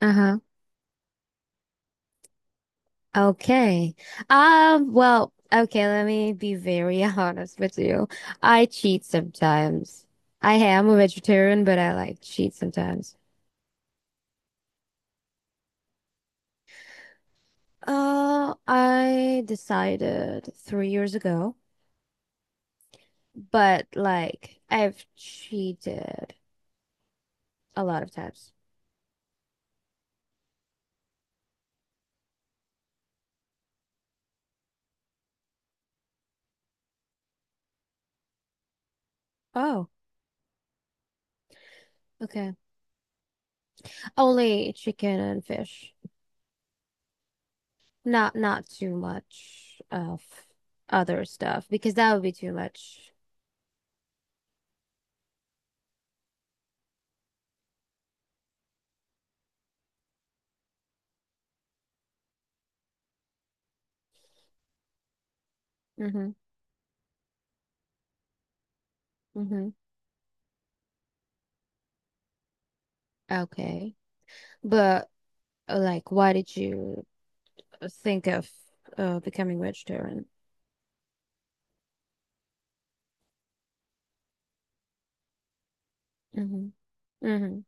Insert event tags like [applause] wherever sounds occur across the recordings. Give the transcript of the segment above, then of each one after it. Uh-huh. Okay. Okay, let me be very [laughs] honest with you. I cheat sometimes. I am a vegetarian, but I like cheat sometimes. I decided 3 years ago, but like I've cheated a lot of times. Oh, okay. Only chicken and fish. Not too much of other stuff because that would be too much. Mm-hmm. Mm-hmm. Okay. But like why did you think of becoming vegetarian? Mm-hmm. Mm-hmm.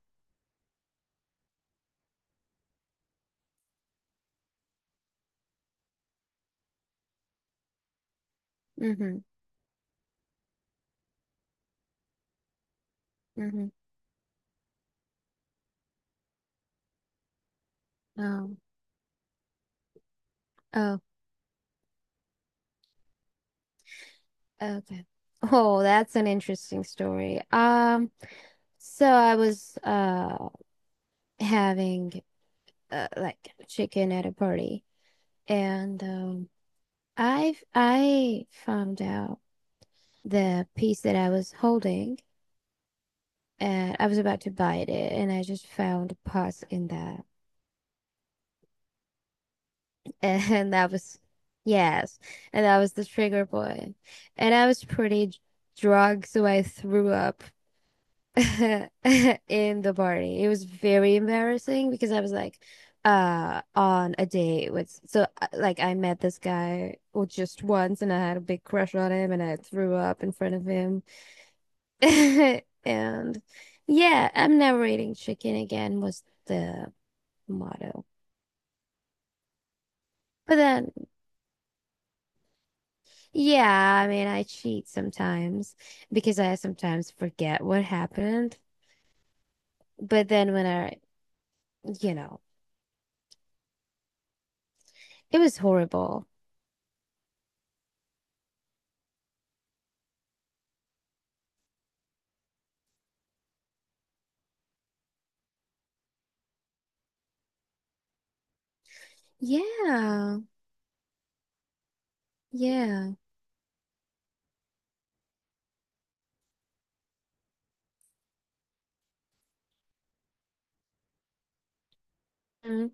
Mm-hmm. Mm-hmm. Oh. Oh, okay. Oh, that's an interesting story. So I was having like chicken at a party and I found out the piece that I was holding, and I was about to bite it, and I just found a pus in that, [laughs] and that was yes, and that was the trigger point, and I was drunk, so I threw up [laughs] in the party. It was very embarrassing because I was like on a date with so like I met this guy, well, just once, and I had a big crush on him and I threw up in front of him. [laughs] And yeah, I'm never eating chicken again was the motto. But then, yeah, I mean, I cheat sometimes because I sometimes forget what happened. But then when I, you know, it was horrible. Yeah, yeah. Mm-hmm.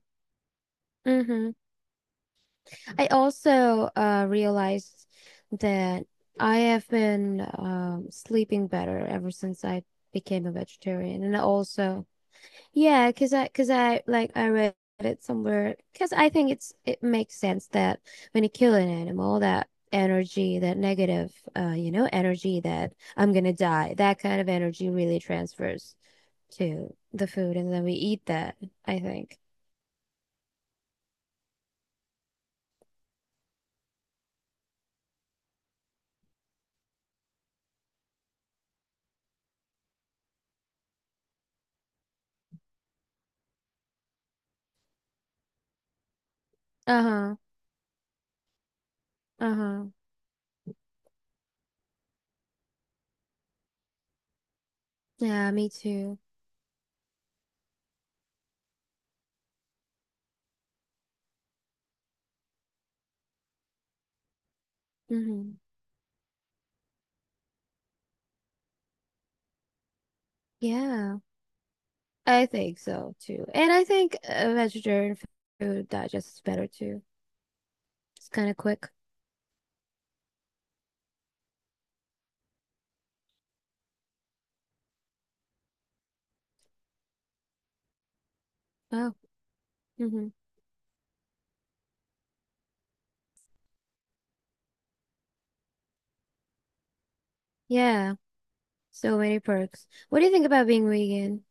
Mm-hmm. I also realized that I have been sleeping better ever since I became a vegetarian, and also. Yeah, because I like I read it somewhere. Because I think it's it makes sense that when you kill an animal, that energy, that negative, energy that I'm gonna die, that kind of energy really transfers to the food, and then we eat that, I think. Uh-huh. Uh-huh. Yeah, me too. Hmm. Yeah, I think so too. And I think vegetarian food digests better too. It's kind of quick. Oh. Mm-hmm. Yeah. So many perks. What do you think about being vegan?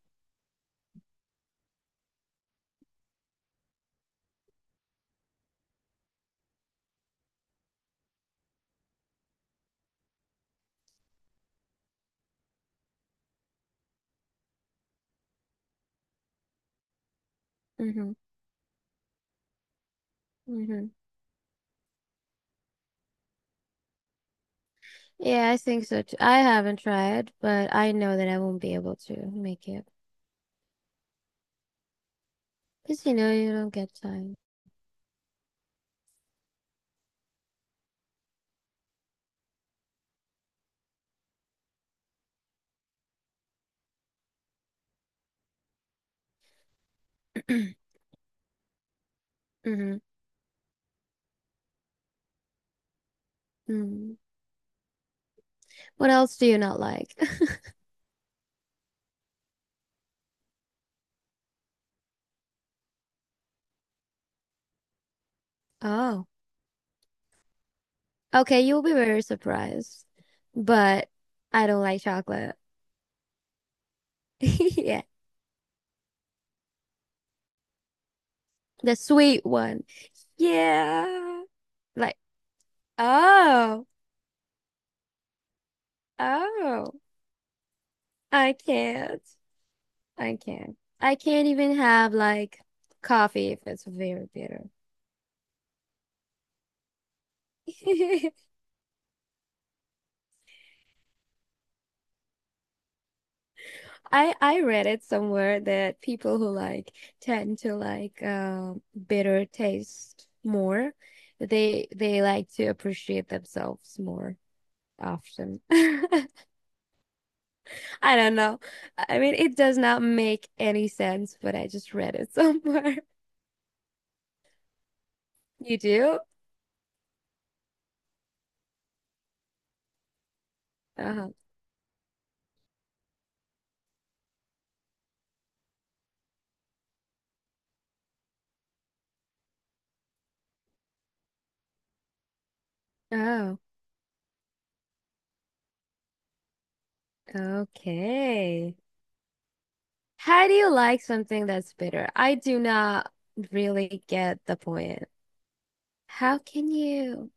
Mm-hmm. Mm-hmm. Yeah, I think so too. I haven't tried, but I know that I won't be able to make it. Because you know, you don't get time. [clears throat] Mm-hmm. Mm. What else do you not like? [laughs] Oh. Okay, you'll be very surprised, but I don't like chocolate. [laughs] Yeah, the sweet one. Yeah, like oh, oh, I can't, I can't even have like coffee if it's very bitter. [laughs] I read it somewhere that people who like tend to like bitter taste more, they like to appreciate themselves more often. [laughs] I don't know. I mean, it does not make any sense, but I just read it somewhere. [laughs] You do? Oh, oh, okay. How do you like something that's bitter? I do not really get the point. How can you?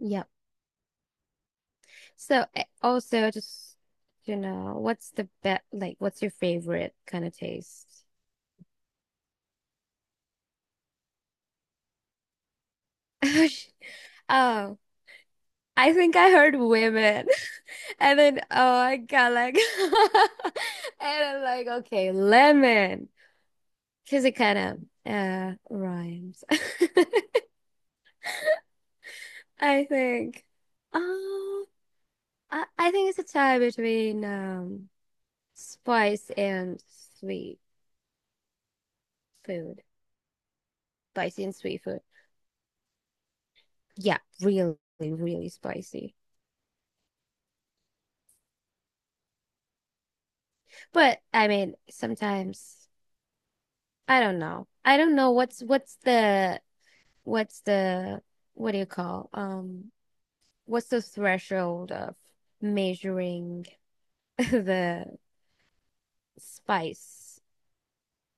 Yep. So, also, just, you know, what's the best, like, what's your favorite kind of taste? [laughs] Oh, I think I heard women. And then, oh, I got like, [laughs] and I'm like, okay, lemon, because it kind of rhymes. [laughs] I think. Oh, I think it's a tie between spice and sweet food, spicy and sweet food. Yeah, really, really spicy. But I mean, sometimes I don't know. I don't know what's the what do you call what's the threshold of measuring [laughs] the spice?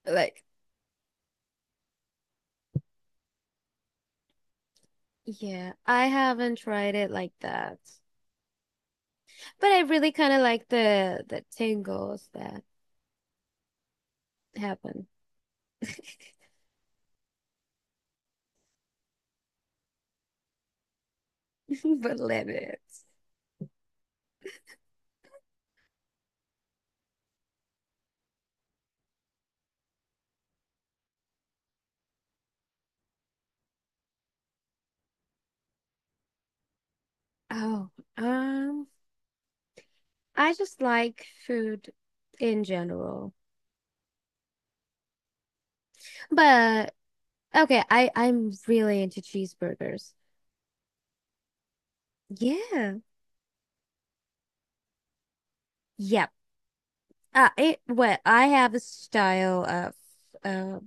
Like, yeah, I haven't tried it like that. But I really kind of like the tingles that happen [laughs] but limits. Oh, um I just like food in general. But okay, I'm really into cheeseburgers. Yeah. Yep. It, well, I have a style of uh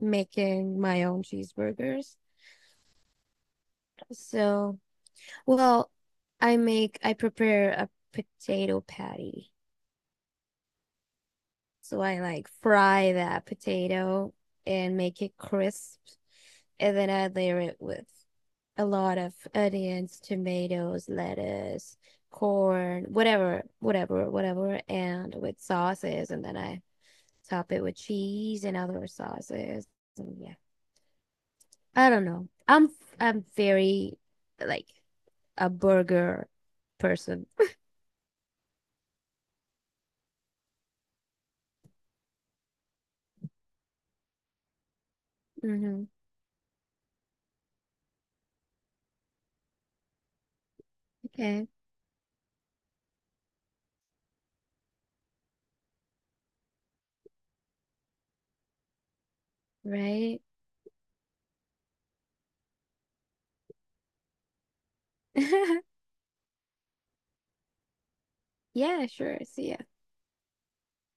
making my own cheeseburgers. So, well, I prepare a potato patty. So I like fry that potato and make it crisp and then I layer it with a lot of onions, tomatoes, lettuce, corn, whatever, whatever, whatever, and with sauces. And then I top it with cheese and other sauces. And yeah, I don't know. I'm very like a burger person. Hmm. Okay, right? [laughs] Yeah, sure. See ya.